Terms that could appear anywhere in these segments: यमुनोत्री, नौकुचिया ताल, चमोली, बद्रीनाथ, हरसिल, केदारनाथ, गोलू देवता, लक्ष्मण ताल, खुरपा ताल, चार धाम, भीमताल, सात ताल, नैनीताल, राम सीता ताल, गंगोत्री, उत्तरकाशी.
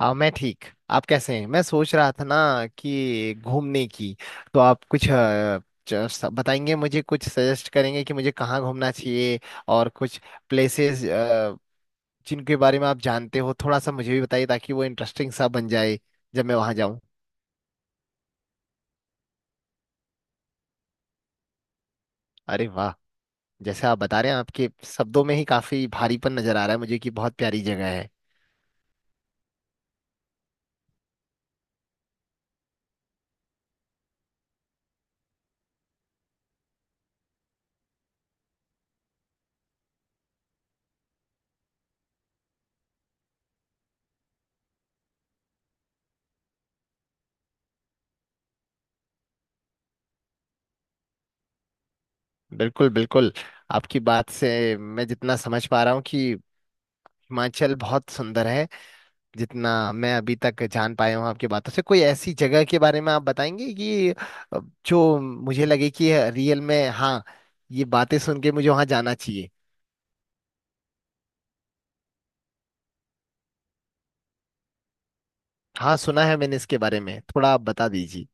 हाँ मैं ठीक। आप कैसे हैं? मैं सोच रहा था ना कि घूमने की, तो आप कुछ बताएंगे, मुझे कुछ सजेस्ट करेंगे कि मुझे कहाँ घूमना चाहिए और कुछ प्लेसेस जिनके बारे में आप जानते हो थोड़ा सा मुझे भी बताइए ताकि वो इंटरेस्टिंग सा बन जाए जब मैं वहाँ जाऊँ। अरे वाह! जैसे आप बता रहे हैं, आपके शब्दों में ही काफी भारीपन नजर आ रहा है मुझे कि बहुत प्यारी जगह है। बिल्कुल, बिल्कुल। आपकी बात से मैं जितना समझ पा रहा हूँ कि हिमाचल बहुत सुंदर है। जितना मैं अभी तक जान पाया हूँ आपकी बातों से, कोई ऐसी जगह के बारे में आप बताएंगे कि अ, जो मुझे लगे कि रियल में हाँ, ये बातें सुन के मुझे वहां जाना चाहिए। हाँ, सुना है मैंने इसके बारे में, थोड़ा आप बता दीजिए।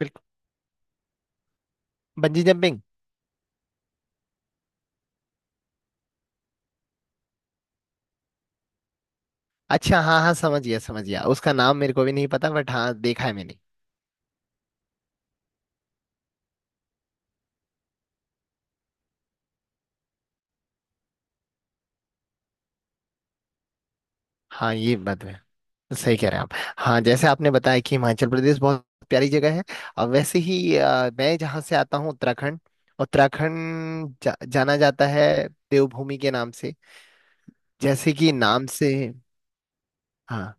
बिल्कुल। Bungee jumping. अच्छा हाँ हाँ, समझ गया। उसका नाम मेरे को भी नहीं पता, बट हाँ, देखा है मैंने। हाँ ये बात है, सही कह रहे हैं आप। हाँ, जैसे आपने बताया कि हिमाचल प्रदेश बहुत प्यारी जगह है। और वैसे ही मैं जहाँ से आता हूँ, उत्तराखंड। उत्तराखंड जाना जाता है देवभूमि के नाम से। जैसे कि नाम से। हाँ।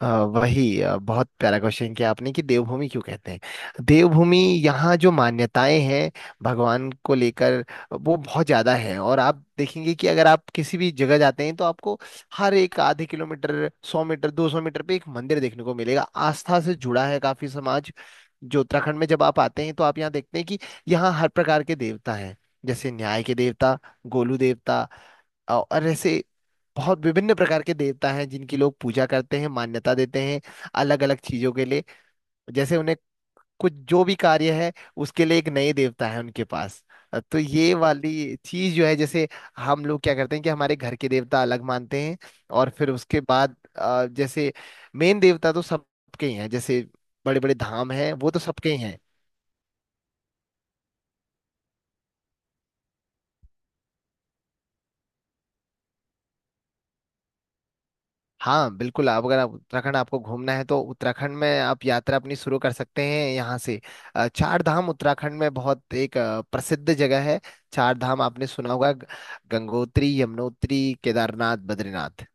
अ, बहुत प्यारा क्वेश्चन किया आपने कि देवभूमि क्यों कहते हैं देवभूमि। यहाँ जो मान्यताएं हैं भगवान को लेकर, वो बहुत ज्यादा है। और आप देखेंगे कि अगर आप किसी भी जगह जाते हैं तो आपको हर एक आधे किलोमीटर, 100 मीटर, 200 मीटर पे एक मंदिर देखने को मिलेगा। आस्था से जुड़ा है काफी समाज जो उत्तराखंड में। जब आप आते हैं तो आप यहाँ देखते हैं कि यहाँ हर प्रकार के देवता हैं। जैसे न्याय के देवता, गोलू देवता और ऐसे बहुत विभिन्न प्रकार के देवता हैं जिनकी लोग पूजा करते हैं, मान्यता देते हैं अलग अलग चीजों के लिए। जैसे उन्हें कुछ जो भी कार्य है उसके लिए एक नए देवता है उनके पास। तो ये वाली चीज जो है, जैसे हम लोग क्या करते हैं कि हमारे घर के देवता अलग मानते हैं। और फिर उसके बाद जैसे मेन देवता तो सबके ही हैं। जैसे बड़े बड़े धाम हैं, वो तो सबके ही हैं। हाँ बिल्कुल। आप अगर आप उत्तराखंड आपको घूमना है तो उत्तराखंड में आप यात्रा अपनी शुरू कर सकते हैं यहाँ से। चार धाम उत्तराखंड में बहुत एक प्रसिद्ध जगह है। चार धाम आपने सुना होगा। गंगोत्री, यमुनोत्री, केदारनाथ, बद्रीनाथ।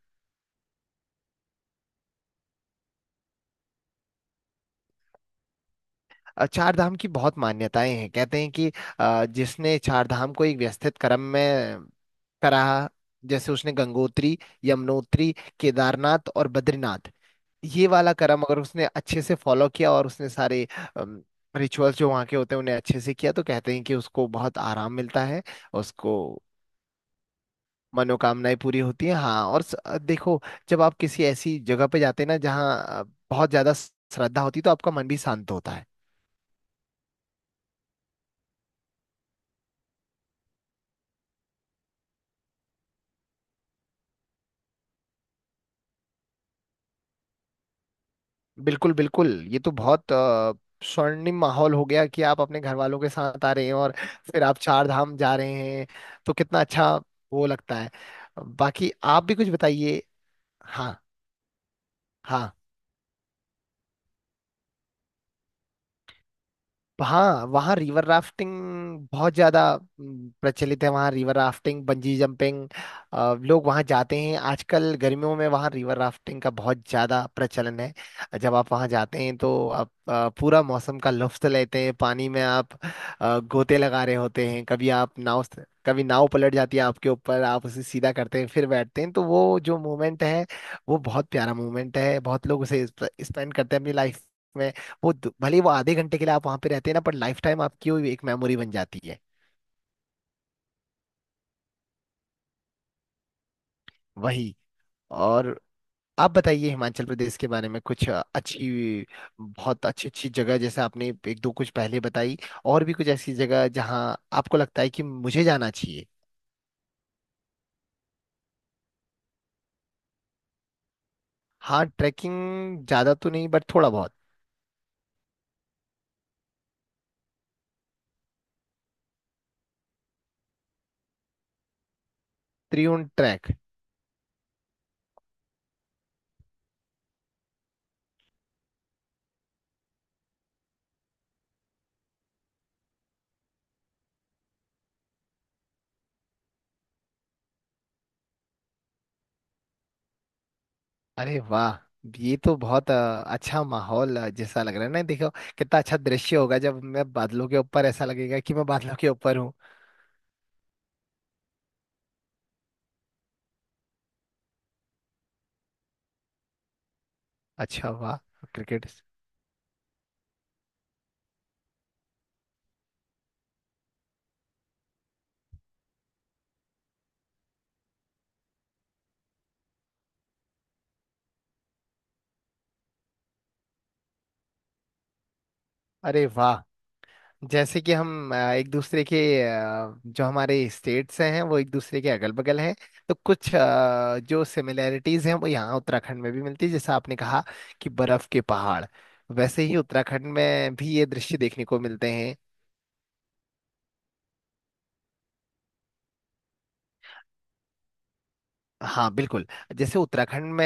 चार धाम की बहुत मान्यताएं हैं। कहते हैं कि जिसने चार धाम को एक व्यवस्थित क्रम में करा, जैसे उसने गंगोत्री, यमुनोत्री, केदारनाथ और बद्रीनाथ, ये वाला कर्म अगर उसने अच्छे से फॉलो किया और उसने सारे रिचुअल्स जो वहाँ के होते हैं उन्हें अच्छे से किया, तो कहते हैं कि उसको बहुत आराम मिलता है। उसको मनोकामनाएं पूरी होती हैं। हाँ और देखो, जब आप किसी ऐसी जगह पे जाते हैं ना जहाँ बहुत ज्यादा श्रद्धा होती है, तो आपका मन भी शांत होता है। बिल्कुल, बिल्कुल। ये तो बहुत स्वर्णिम माहौल हो गया कि आप अपने घर वालों के साथ आ रहे हैं और फिर आप चार धाम जा रहे हैं। तो कितना अच्छा वो लगता है। बाकी आप भी कुछ बताइए। हाँ। हाँ। हाँ, वहाँ रिवर राफ्टिंग बहुत ज्यादा प्रचलित है। वहाँ रिवर राफ्टिंग, बंजी जंपिंग, लोग वहाँ जाते हैं। आजकल गर्मियों में वहाँ रिवर राफ्टिंग का बहुत ज्यादा प्रचलन है। जब आप वहाँ जाते हैं तो आप पूरा मौसम का लुत्फ लेते हैं। पानी में आप गोते लगा रहे होते हैं, कभी आप कभी नाव पलट जाती है आपके ऊपर, आप उसे सीधा करते हैं फिर बैठते हैं, तो वो जो मोमेंट है, वो बहुत प्यारा मोमेंट है। बहुत लोग उसे स्पेंड करते हैं अपनी लाइफ। भले ही वो आधे घंटे के लिए आप वहां पे रहते हैं ना, पर लाइफ टाइम आपकी वो एक मेमोरी बन जाती है। वही। और आप बताइए हिमाचल प्रदेश के बारे में कुछ अच्छी, बहुत अच्छी अच्छी जगह। जैसे आपने एक दो कुछ पहले बताई, और भी कुछ ऐसी जगह जहां आपको लगता है कि मुझे जाना चाहिए। हाँ ट्रैकिंग ज्यादा तो नहीं, बट थोड़ा बहुत। त्रिउंड ट्रैक। अरे वाह! ये तो बहुत अच्छा माहौल जैसा लग रहा है ना। देखो कितना अच्छा दृश्य होगा जब मैं बादलों के ऊपर, ऐसा लगेगा कि मैं बादलों के ऊपर हूँ। अच्छा, वाह! क्रिकेट। अरे वाह! जैसे कि हम एक दूसरे के जो हमारे स्टेट्स हैं वो एक दूसरे के अगल बगल हैं, तो कुछ जो सिमिलैरिटीज हैं वो यहाँ उत्तराखंड में भी मिलती है। जैसा आपने कहा कि बर्फ के पहाड़, वैसे ही उत्तराखंड में भी ये दृश्य देखने को मिलते हैं। हाँ बिल्कुल। जैसे उत्तराखंड में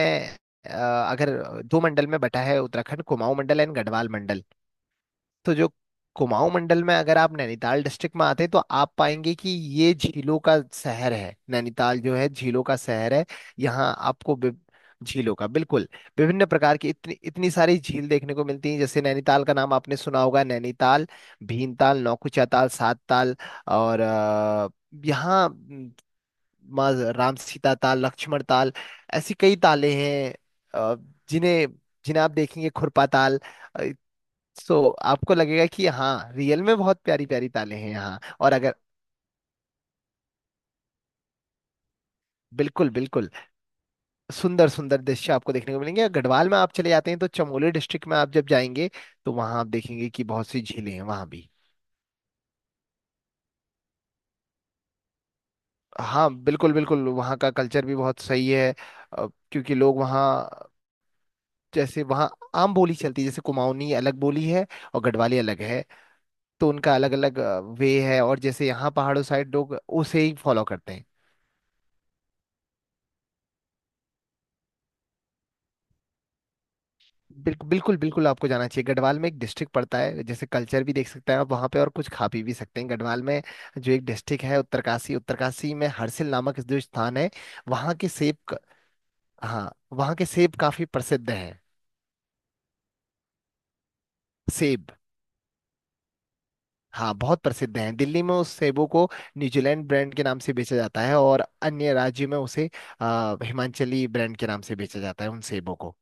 अ, अगर दो मंडल में बटा है उत्तराखंड, कुमाऊं मंडल एंड गढ़वाल मंडल। तो जो कुमाऊं मंडल में अगर आप नैनीताल डिस्ट्रिक्ट में आते हैं तो आप पाएंगे कि ये झीलों का शहर है। नैनीताल जो है, झीलों का शहर है। यहाँ आपको विभ- झीलों का बिल्कुल विभिन्न प्रकार की इतनी इतनी सारी झील देखने को मिलती हैं। जैसे नैनीताल का नाम आपने सुना होगा, नैनीताल, भीमताल, नौकुचिया ताल, सात ताल और यहाँ म, माँ राम, सीता ताल, लक्ष्मण ताल, ऐसी कई तालें हैं। अ, जिन्हें जिन्हें आप देखेंगे, खुरपा ताल। सो आपको लगेगा कि हाँ रियल में बहुत प्यारी प्यारी ताले हैं यहाँ। और अगर बिल्कुल, बिल्कुल सुंदर सुंदर दृश्य आपको देखने को मिलेंगे। गढ़वाल में आप चले जाते हैं तो चमोली डिस्ट्रिक्ट में आप जब जाएंगे तो वहाँ आप देखेंगे कि बहुत सी झीलें हैं वहाँ भी। हाँ बिल्कुल, बिल्कुल वहाँ का कल्चर भी बहुत सही है। क्योंकि लोग वहाँ, जैसे वहाँ आम बोली चलती है। जैसे कुमाऊनी अलग बोली है और गढ़वाली अलग है। तो उनका अलग अलग वे है, और जैसे यहाँ पहाड़ों साइड लोग उसे ही फॉलो करते हैं। बिल्कुल, बिल्कुल, बिल्कुल आपको जाना चाहिए। गढ़वाल में एक डिस्ट्रिक्ट पड़ता है, जैसे कल्चर भी देख सकते हैं आप वहाँ पे और कुछ खा पी भी सकते हैं गढ़वाल में। जो एक डिस्ट्रिक्ट है उत्तरकाशी, उत्तरकाशी में हरसिल नामक जो स्थान है, वहाँ के हाँ वहाँ के सेब काफी प्रसिद्ध हैं। सेब। हाँ बहुत प्रसिद्ध हैं। दिल्ली में उस सेबों को न्यूजीलैंड ब्रांड के नाम से बेचा जाता है, और अन्य राज्यों में उसे हिमाचली ब्रांड के नाम से बेचा जाता है उन सेबों को।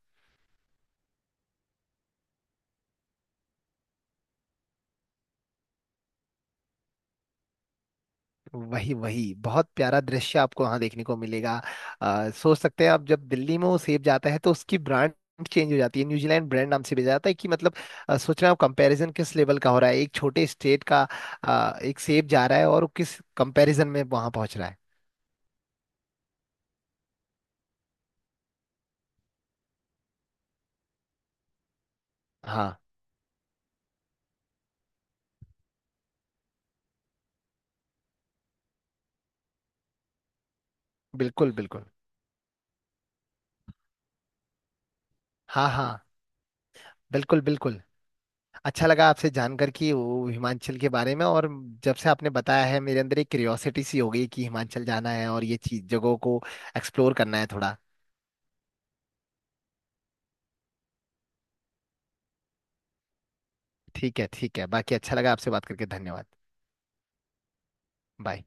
वही, वही बहुत प्यारा दृश्य आपको वहां देखने को मिलेगा। सोच सकते हैं आप, जब दिल्ली में वो सेब जाता है तो उसकी ब्रांड चेंज हो जाती है, न्यूजीलैंड ब्रांड नाम से भेजा जाता है। कि मतलब सोच रहे हो कंपैरिजन किस लेवल का हो रहा है। एक छोटे स्टेट का एक सेब जा रहा है और वो किस कंपैरिजन में वहां पहुंच रहा है। हाँ बिल्कुल, बिल्कुल। हाँ हाँ, बिल्कुल, बिल्कुल। अच्छा लगा आपसे जानकर कि वो हिमाचल के बारे में। और जब से आपने बताया है, मेरे अंदर एक क्यूरियोसिटी सी हो गई कि हिमाचल जाना है और ये चीज जगहों को एक्सप्लोर करना है थोड़ा। ठीक है, ठीक है। बाकी अच्छा लगा आपसे बात करके, धन्यवाद। बाय।